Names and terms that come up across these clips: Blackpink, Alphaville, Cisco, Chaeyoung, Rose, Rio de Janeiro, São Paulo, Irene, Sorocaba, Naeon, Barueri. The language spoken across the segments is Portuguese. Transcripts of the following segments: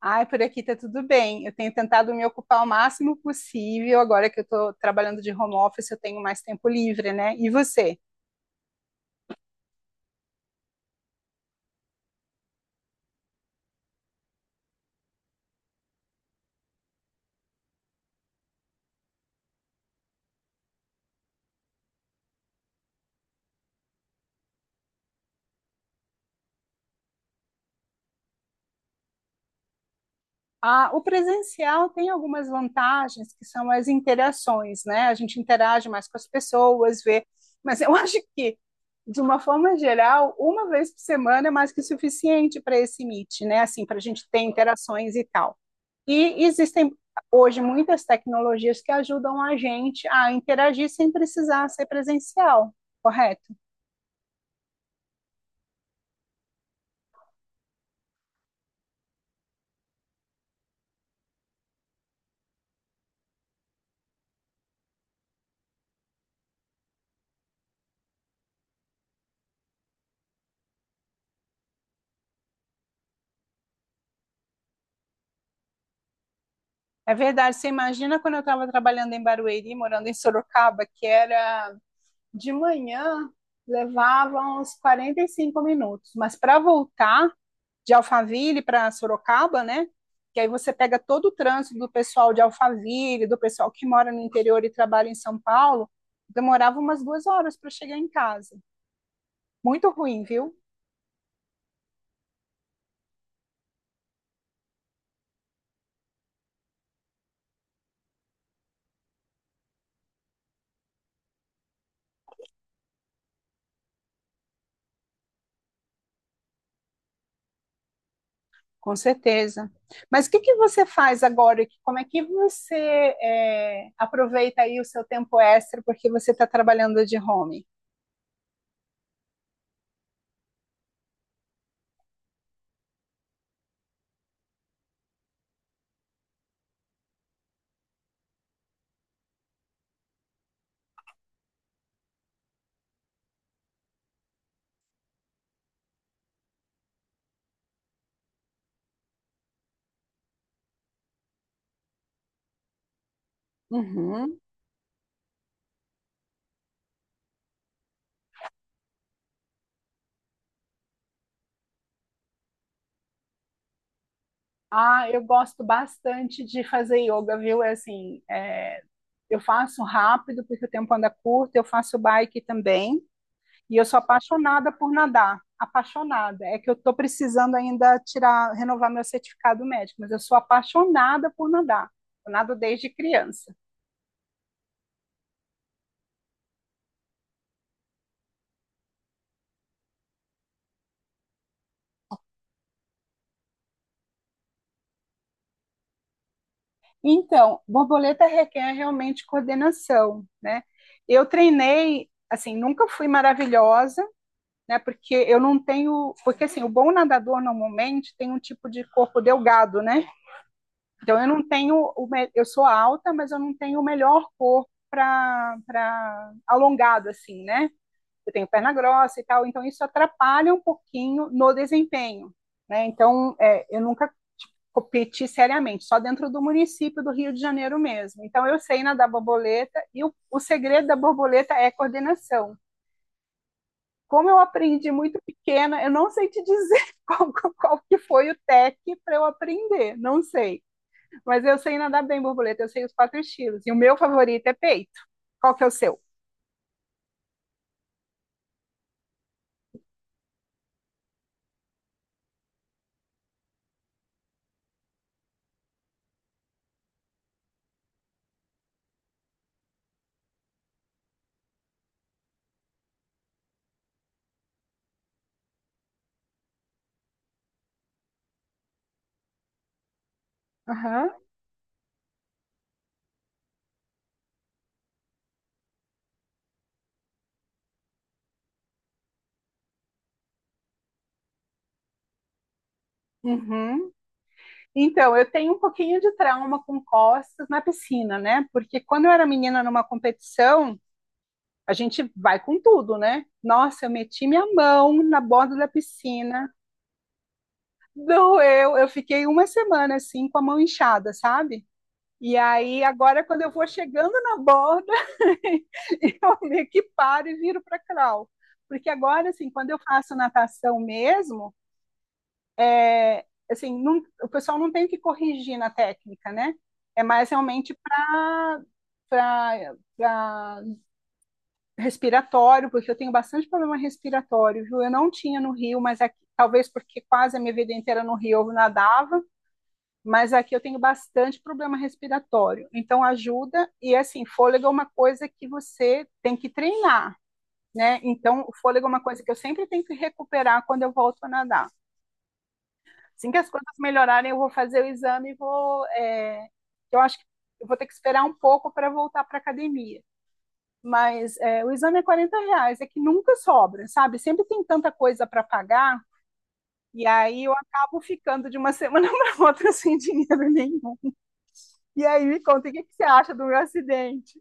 Ai, por aqui tá tudo bem. Eu tenho tentado me ocupar o máximo possível. Agora que eu estou trabalhando de home office, eu tenho mais tempo livre, né? E você? Ah, o presencial tem algumas vantagens que são as interações, né? A gente interage mais com as pessoas, vê. Mas eu acho que, de uma forma geral, uma vez por semana é mais que suficiente para esse meet, né? Assim, para a gente ter interações e tal. E existem hoje muitas tecnologias que ajudam a gente a interagir sem precisar ser presencial, correto? É verdade. Você imagina quando eu estava trabalhando em Barueri, morando em Sorocaba, que era de manhã, levava uns 45 minutos, mas para voltar de Alphaville para Sorocaba, né? Que aí você pega todo o trânsito do pessoal de Alphaville, do pessoal que mora no interior e trabalha em São Paulo, demorava umas duas horas para chegar em casa. Muito ruim, viu? Com certeza. Mas o que, que você faz agora? Como é que aproveita aí o seu tempo extra porque você está trabalhando de home? Uhum. Ah, eu gosto bastante de fazer yoga, viu? Eu faço rápido porque o tempo anda curto, eu faço bike também, e eu sou apaixonada por nadar. Apaixonada. É que eu estou precisando ainda tirar, renovar meu certificado médico, mas eu sou apaixonada por nadar. Eu nado desde criança. Então, borboleta requer realmente coordenação, né? Eu treinei, assim, nunca fui maravilhosa, né? Porque eu não tenho, porque assim, o bom nadador normalmente tem um tipo de corpo delgado, né? Então eu não tenho, eu sou alta, mas eu não tenho o melhor corpo para alongado assim, né? Eu tenho perna grossa e tal, então isso atrapalha um pouquinho no desempenho, né? Eu nunca competir seriamente, só dentro do município do Rio de Janeiro mesmo. Então, eu sei nadar borboleta e o segredo da borboleta é coordenação. Como eu aprendi muito pequena, eu não sei te dizer qual que foi o tec para eu aprender, não sei. Mas eu sei nadar bem borboleta, eu sei os quatro estilos. E o meu favorito é peito. Qual que é o seu? Aham. Uhum. Então, eu tenho um pouquinho de trauma com costas na piscina, né? Porque quando eu era menina numa competição, a gente vai com tudo, né? Nossa, eu meti minha mão na borda da piscina, doeu, eu fiquei uma semana assim com a mão inchada, sabe? E aí, agora, quando eu vou chegando na borda, eu meio que paro e viro para crawl. Porque agora, assim, quando eu faço natação mesmo, é, assim, não, o pessoal não tem que corrigir na técnica, né? É mais realmente para para respiratório, porque eu tenho bastante problema respiratório, viu? Eu não tinha no Rio, mas aqui, talvez porque quase a minha vida inteira no Rio eu nadava, mas aqui eu tenho bastante problema respiratório. Então ajuda e assim, fôlego é uma coisa que você tem que treinar, né? Então o fôlego é uma coisa que eu sempre tenho que recuperar quando eu volto a nadar. Assim que as coisas melhorarem, eu vou fazer o exame e vou. Eu acho que eu vou ter que esperar um pouco para voltar para a academia. O exame é R$ 40, é que nunca sobra, sabe? Sempre tem tanta coisa para pagar, e aí eu acabo ficando de uma semana para outra sem dinheiro nenhum. E aí me conta, o que que você acha do meu acidente?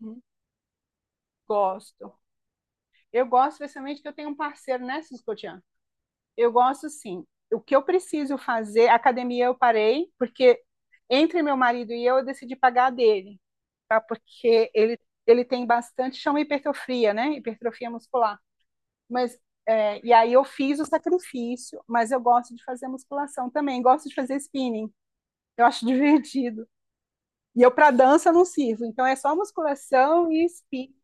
Uhum. Gosto. Eu gosto especialmente que eu tenho um parceiro, né, Cisco. Eu gosto sim. O que eu preciso fazer, a academia eu parei, porque entre meu marido e eu decidi pagar a dele, tá? Porque ele tem bastante, chama hipertrofia, né? Hipertrofia muscular. Mas, e aí eu fiz o sacrifício, mas eu gosto de fazer musculação também, gosto de fazer spinning, eu acho divertido. E eu para dança não sirvo, então é só musculação e spinning.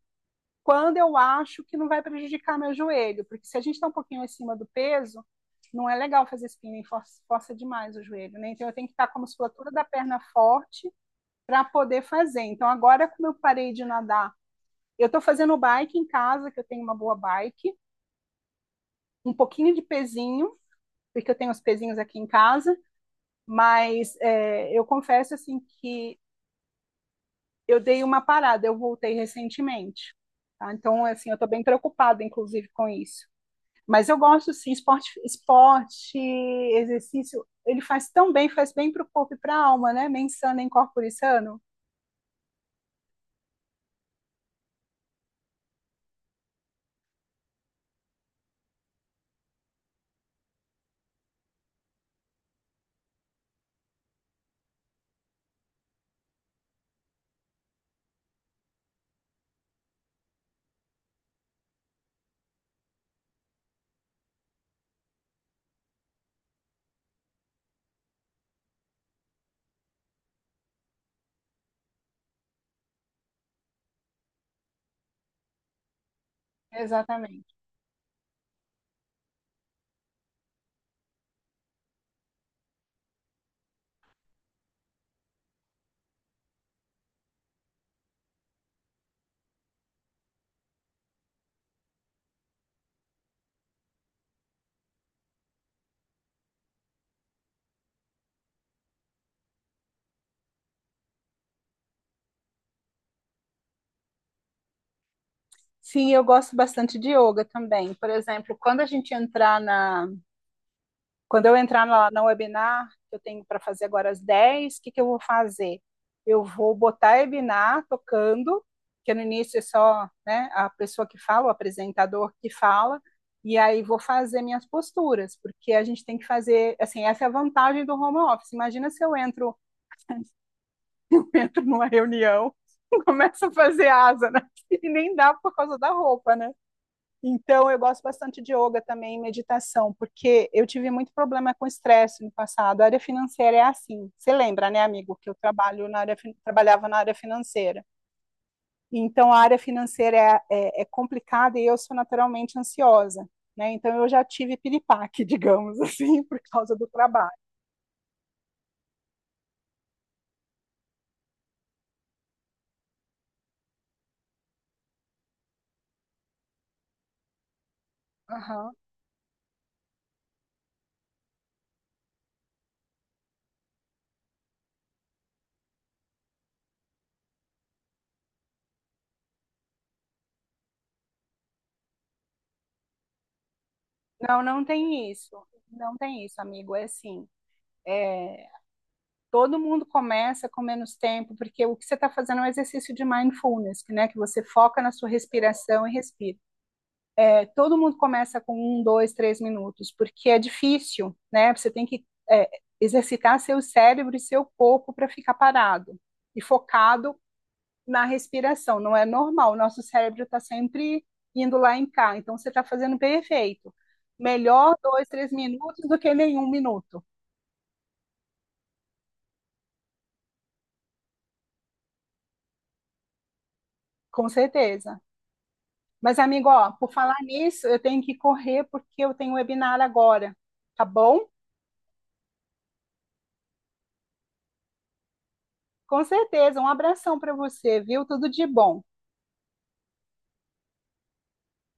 Quando eu acho que não vai prejudicar meu joelho, porque se a gente está um pouquinho acima do peso, não é legal fazer spinning, força demais o joelho, né? Então eu tenho que estar com a musculatura da perna forte para poder fazer. Então agora como eu parei de nadar, eu estou fazendo bike em casa, que eu tenho uma boa bike, um pouquinho de pezinho porque eu tenho os pezinhos aqui em casa, eu confesso assim que eu dei uma parada, eu voltei recentemente. Tá? Então, assim, eu estou bem preocupada, inclusive, com isso. Mas eu gosto, sim, esporte, esporte, exercício, ele faz tão bem, faz bem para o corpo e para a alma, né? Mensana em corpore sano. Exatamente. Sim, eu gosto bastante de yoga também. Por exemplo, quando eu entrar na webinar, que eu tenho para fazer agora às 10h, o que, que eu vou fazer? Eu vou botar a webinar tocando, que no início é só né, a pessoa que fala, o apresentador que fala, e aí vou fazer minhas posturas, porque a gente tem que fazer, assim, essa é a vantagem do home office. Imagina se eu entro, entro numa reunião, começo a fazer asa, né? E nem dá por causa da roupa, né? Então, eu gosto bastante de yoga também, e meditação, porque eu tive muito problema com estresse no passado. A área financeira é assim. Você lembra, né, amigo, que eu trabalho na área, trabalhava na área financeira. Então, a área financeira é complicada e eu sou naturalmente ansiosa, né? Então, eu já tive piripaque, digamos assim, por causa do trabalho. Aham. Não, não tem isso. Não tem isso, amigo. É, Todo mundo começa com menos tempo, porque o que você está fazendo é um exercício de mindfulness, né? Que você foca na sua respiração e respira. É, todo mundo começa com um, dois, três minutos, porque é difícil, né? Você tem que é, exercitar seu cérebro e seu corpo para ficar parado e focado na respiração. Não é normal, o nosso cérebro está sempre indo lá em cá, então você está fazendo perfeito. Melhor dois, três minutos do que nenhum minuto, com certeza. Mas, amigo, ó, por falar nisso, eu tenho que correr porque eu tenho um webinar agora, tá bom? Com certeza. Um abração para você, viu? Tudo de bom.